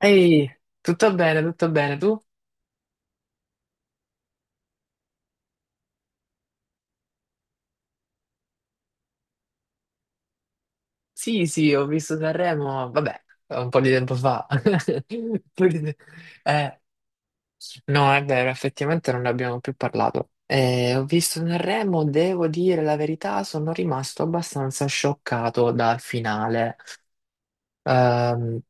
Ehi, tutto bene, tutto bene. Tu? Sì, sì, ho visto Sanremo, vabbè, un po' di tempo fa. Un po' di te- Eh, no, è vero, effettivamente non ne abbiamo più parlato. Ho visto Sanremo, devo dire la verità, sono rimasto abbastanza scioccato dal finale. Ehm,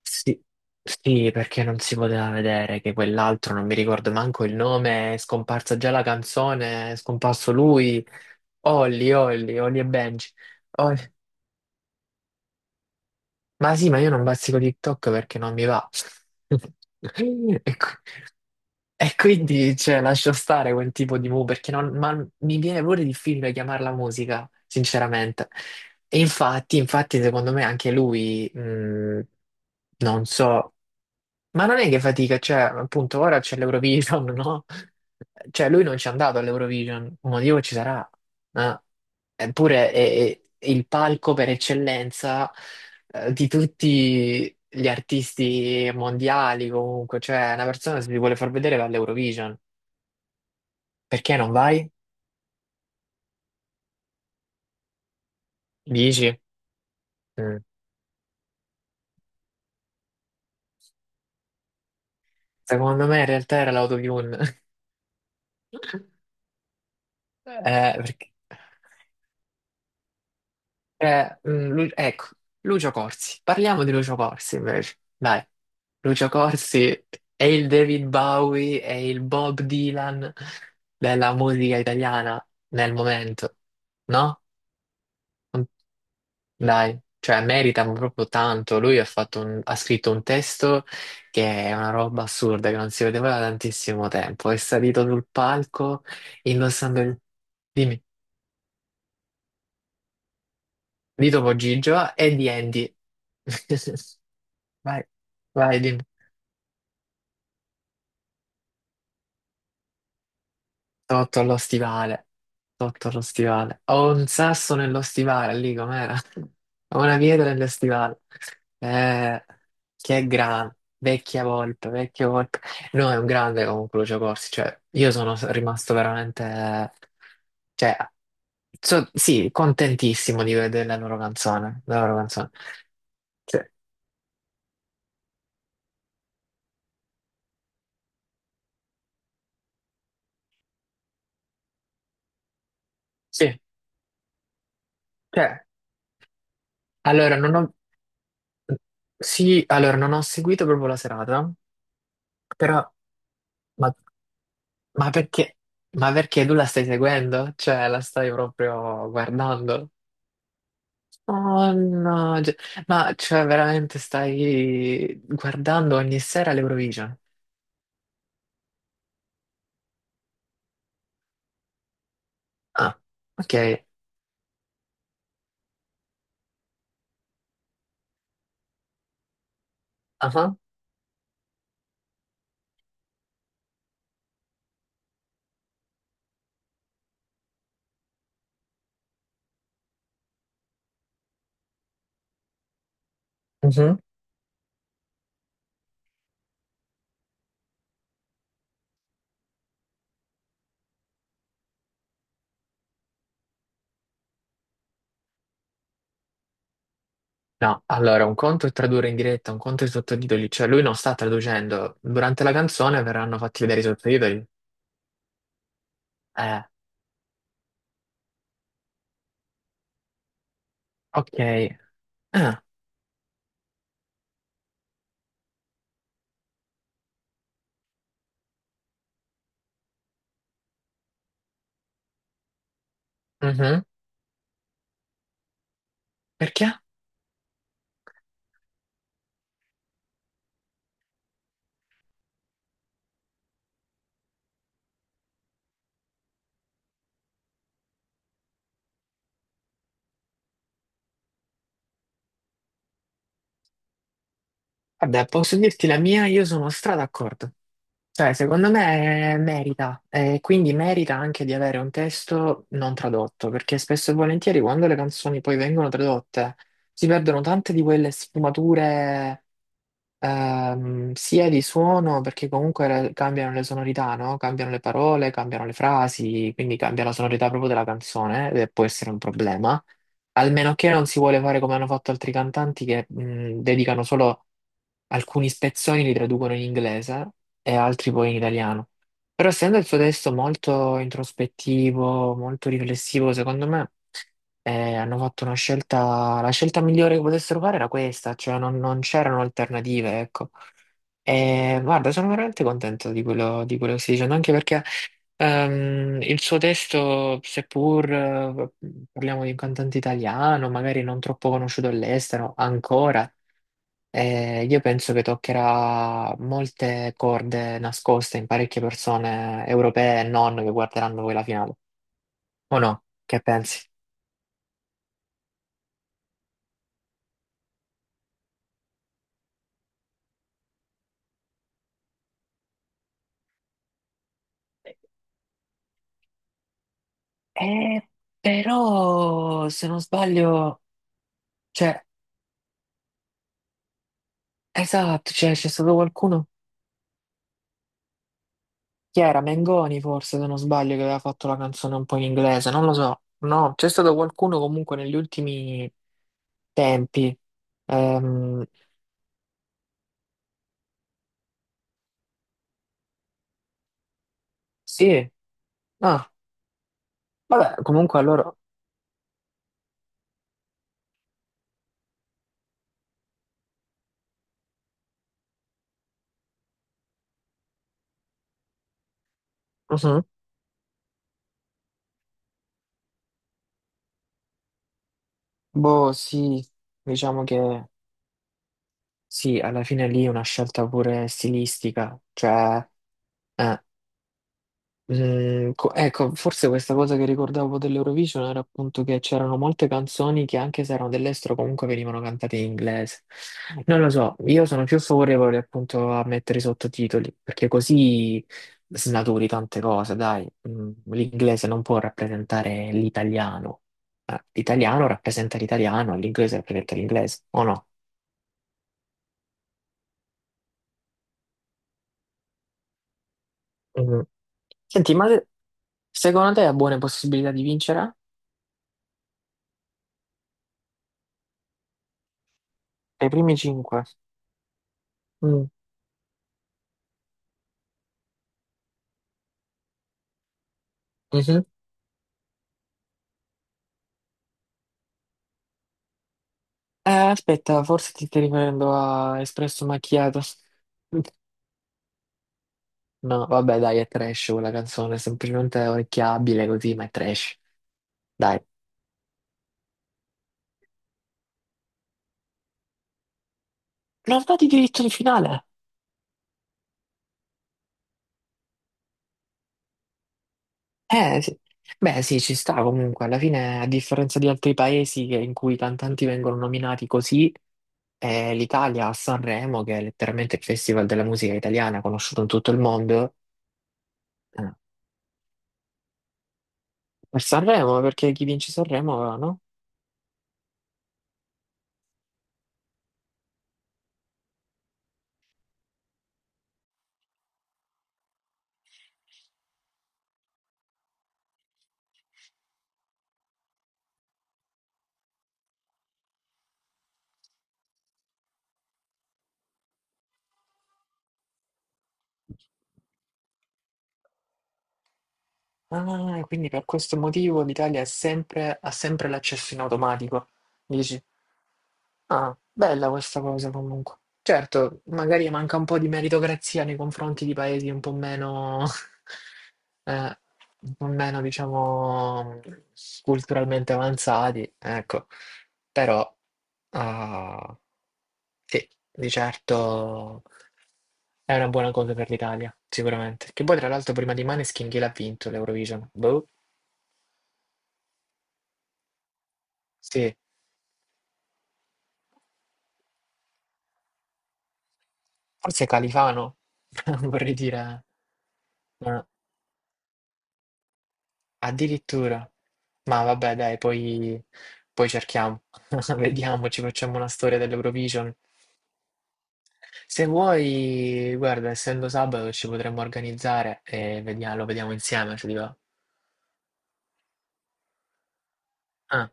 sì, sì, perché non si poteva vedere che quell'altro, non mi ricordo manco il nome, è scomparsa già la canzone, è scomparso lui, Olli, Olli, Olli e Benji. Ma sì, ma io non bazzico TikTok perché non mi va. E, qui- e quindi, cioè, lascio stare quel tipo di mu perché non, ma mi viene pure difficile chiamarla musica, sinceramente. E infatti, infatti, secondo me anche lui, non so. Ma non è che fatica, cioè, appunto, ora c'è l'Eurovision, no? Cioè, lui non ci è andato all'Eurovision, un motivo ci sarà, ma eppure è il palco per eccellenza, di tutti gli artisti mondiali, comunque, cioè, una persona se ti vuole far vedere va all'Eurovision. Perché non vai? Dici? Mm. Secondo me in realtà era l'autotune. Perché? Ecco, Lucio Corsi. Parliamo di Lucio Corsi invece. Dai, Lucio Corsi è il David Bowie, è il Bob Dylan della musica italiana nel momento, no? Dai, cioè merita proprio tanto. Lui ha scritto un testo che è una roba assurda, che non si vedeva da tantissimo tempo. È salito sul palco indossando il... Dimmi, di Topo Gigio e di Andy. Vai, vai, dimmi. Sotto allo stivale, sotto allo stivale. Ho un sasso nello stivale, lì com'era? Ho una pietra nello stivale. Eh, che grande, vecchia volpe, vecchia volpe. No, è un grande comunque Lucio Corsi, cioè io sono rimasto veramente, cioè, sì, contentissimo di vedere la loro canzone, la loro canzone. Cioè, sì, cioè, allora non ho, sì, allora non ho seguito proprio la serata, però... Ma, ma perché? Ma perché tu la stai seguendo? Cioè, la stai proprio guardando? Oh no, cioè- ma cioè veramente stai guardando ogni sera l'Eurovision? Ah, ok. Ah, mhm. No, allora un conto è tradurre in diretta, un conto è i sottotitoli, cioè lui non sta traducendo. Durante la canzone verranno fatti vedere i sottotitoli. Eh, ok. Ah, mhm. Perché? Vabbè, posso dirti la mia, io sono stra d'accordo. Cioè, secondo me merita, e quindi merita anche di avere un testo non tradotto, perché spesso e volentieri quando le canzoni poi vengono tradotte si perdono tante di quelle sfumature. Sia di suono, perché comunque cambiano le sonorità, no? Cambiano le parole, cambiano le frasi, quindi cambia la sonorità proprio della canzone, e può essere un problema. Almeno che non si vuole fare come hanno fatto altri cantanti che dedicano solo alcuni spezzoni, li traducono in inglese e altri poi in italiano. Però essendo il suo testo molto introspettivo, molto riflessivo, secondo me hanno fatto una scelta, la scelta migliore che potessero fare era questa, cioè non, non c'erano alternative, ecco. E guarda, sono veramente contento di quello che stai dicendo, anche perché il suo testo, seppur parliamo di un cantante italiano, magari non troppo conosciuto all'estero ancora, io penso che toccherà molte corde nascoste in parecchie persone europee e non che guarderanno poi la finale. O no? Che pensi? Eh, però, se non sbaglio, cioè, esatto, cioè, c'è stato qualcuno, chi era? Mengoni forse, se non sbaglio, che aveva fatto la canzone un po' in inglese, non lo so. No, c'è stato qualcuno comunque negli ultimi tempi. Ehm, sì, ah, vabbè, comunque allora, mhm. Boh, sì, diciamo che sì, alla fine lì è una scelta pure stilistica, cioè... eh. Mm, ecco, forse questa cosa che ricordavo dell'Eurovision era appunto che c'erano molte canzoni che anche se erano dell'estero comunque venivano cantate in inglese. Non lo so, io sono più favorevole appunto a mettere i sottotitoli, perché così snaturi tante cose, dai. Mm, l'inglese non può rappresentare l'italiano. L'italiano rappresenta l'italiano, l'inglese rappresenta l'inglese, o no? Mm. Senti, ma se- secondo te ha buone possibilità di vincere? Ai primi cinque. Mm. Aspetta, forse ti stai riferendo a Espresso Macchiato. No, vabbè, dai, è trash quella canzone, è semplicemente orecchiabile così, ma è trash. Dai. Non va di diritto di finale. Sì. Beh, sì, ci sta comunque. Alla fine, a differenza di altri paesi in cui i cantanti vengono nominati così, l'Italia a Sanremo, che è letteralmente il festival della musica italiana conosciuto in tutto il mondo, eh, per Sanremo, perché chi vince Sanremo, no? Ah, quindi per questo motivo l'Italia è ha sempre l'accesso in automatico. Dici, ah, bella questa cosa comunque. Certo, magari manca un po' di meritocrazia nei confronti di paesi un po' meno, eh, un po' meno, diciamo, culturalmente avanzati, ecco. Però, ah, sì, di certo è una buona cosa per l'Italia, sicuramente. Che poi, tra l'altro, prima di Maneskin chi l'ha vinto l'Eurovision? Boh. Sì, forse Califano, vorrei dire, ma addirittura. Ma vabbè, dai, poi, poi cerchiamo, vediamo, ci facciamo una storia dell'Eurovision. Se vuoi, guarda, essendo sabato ci potremmo organizzare e vediamo, lo vediamo insieme, se ti va. Ah,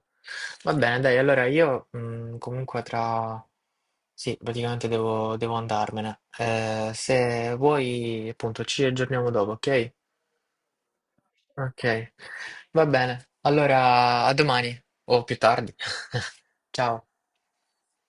va bene, dai, allora io comunque tra... Sì, praticamente devo andarmene. Se vuoi, appunto, ci aggiorniamo dopo, ok? Ok, va bene. Allora, a domani o più tardi. Ciao.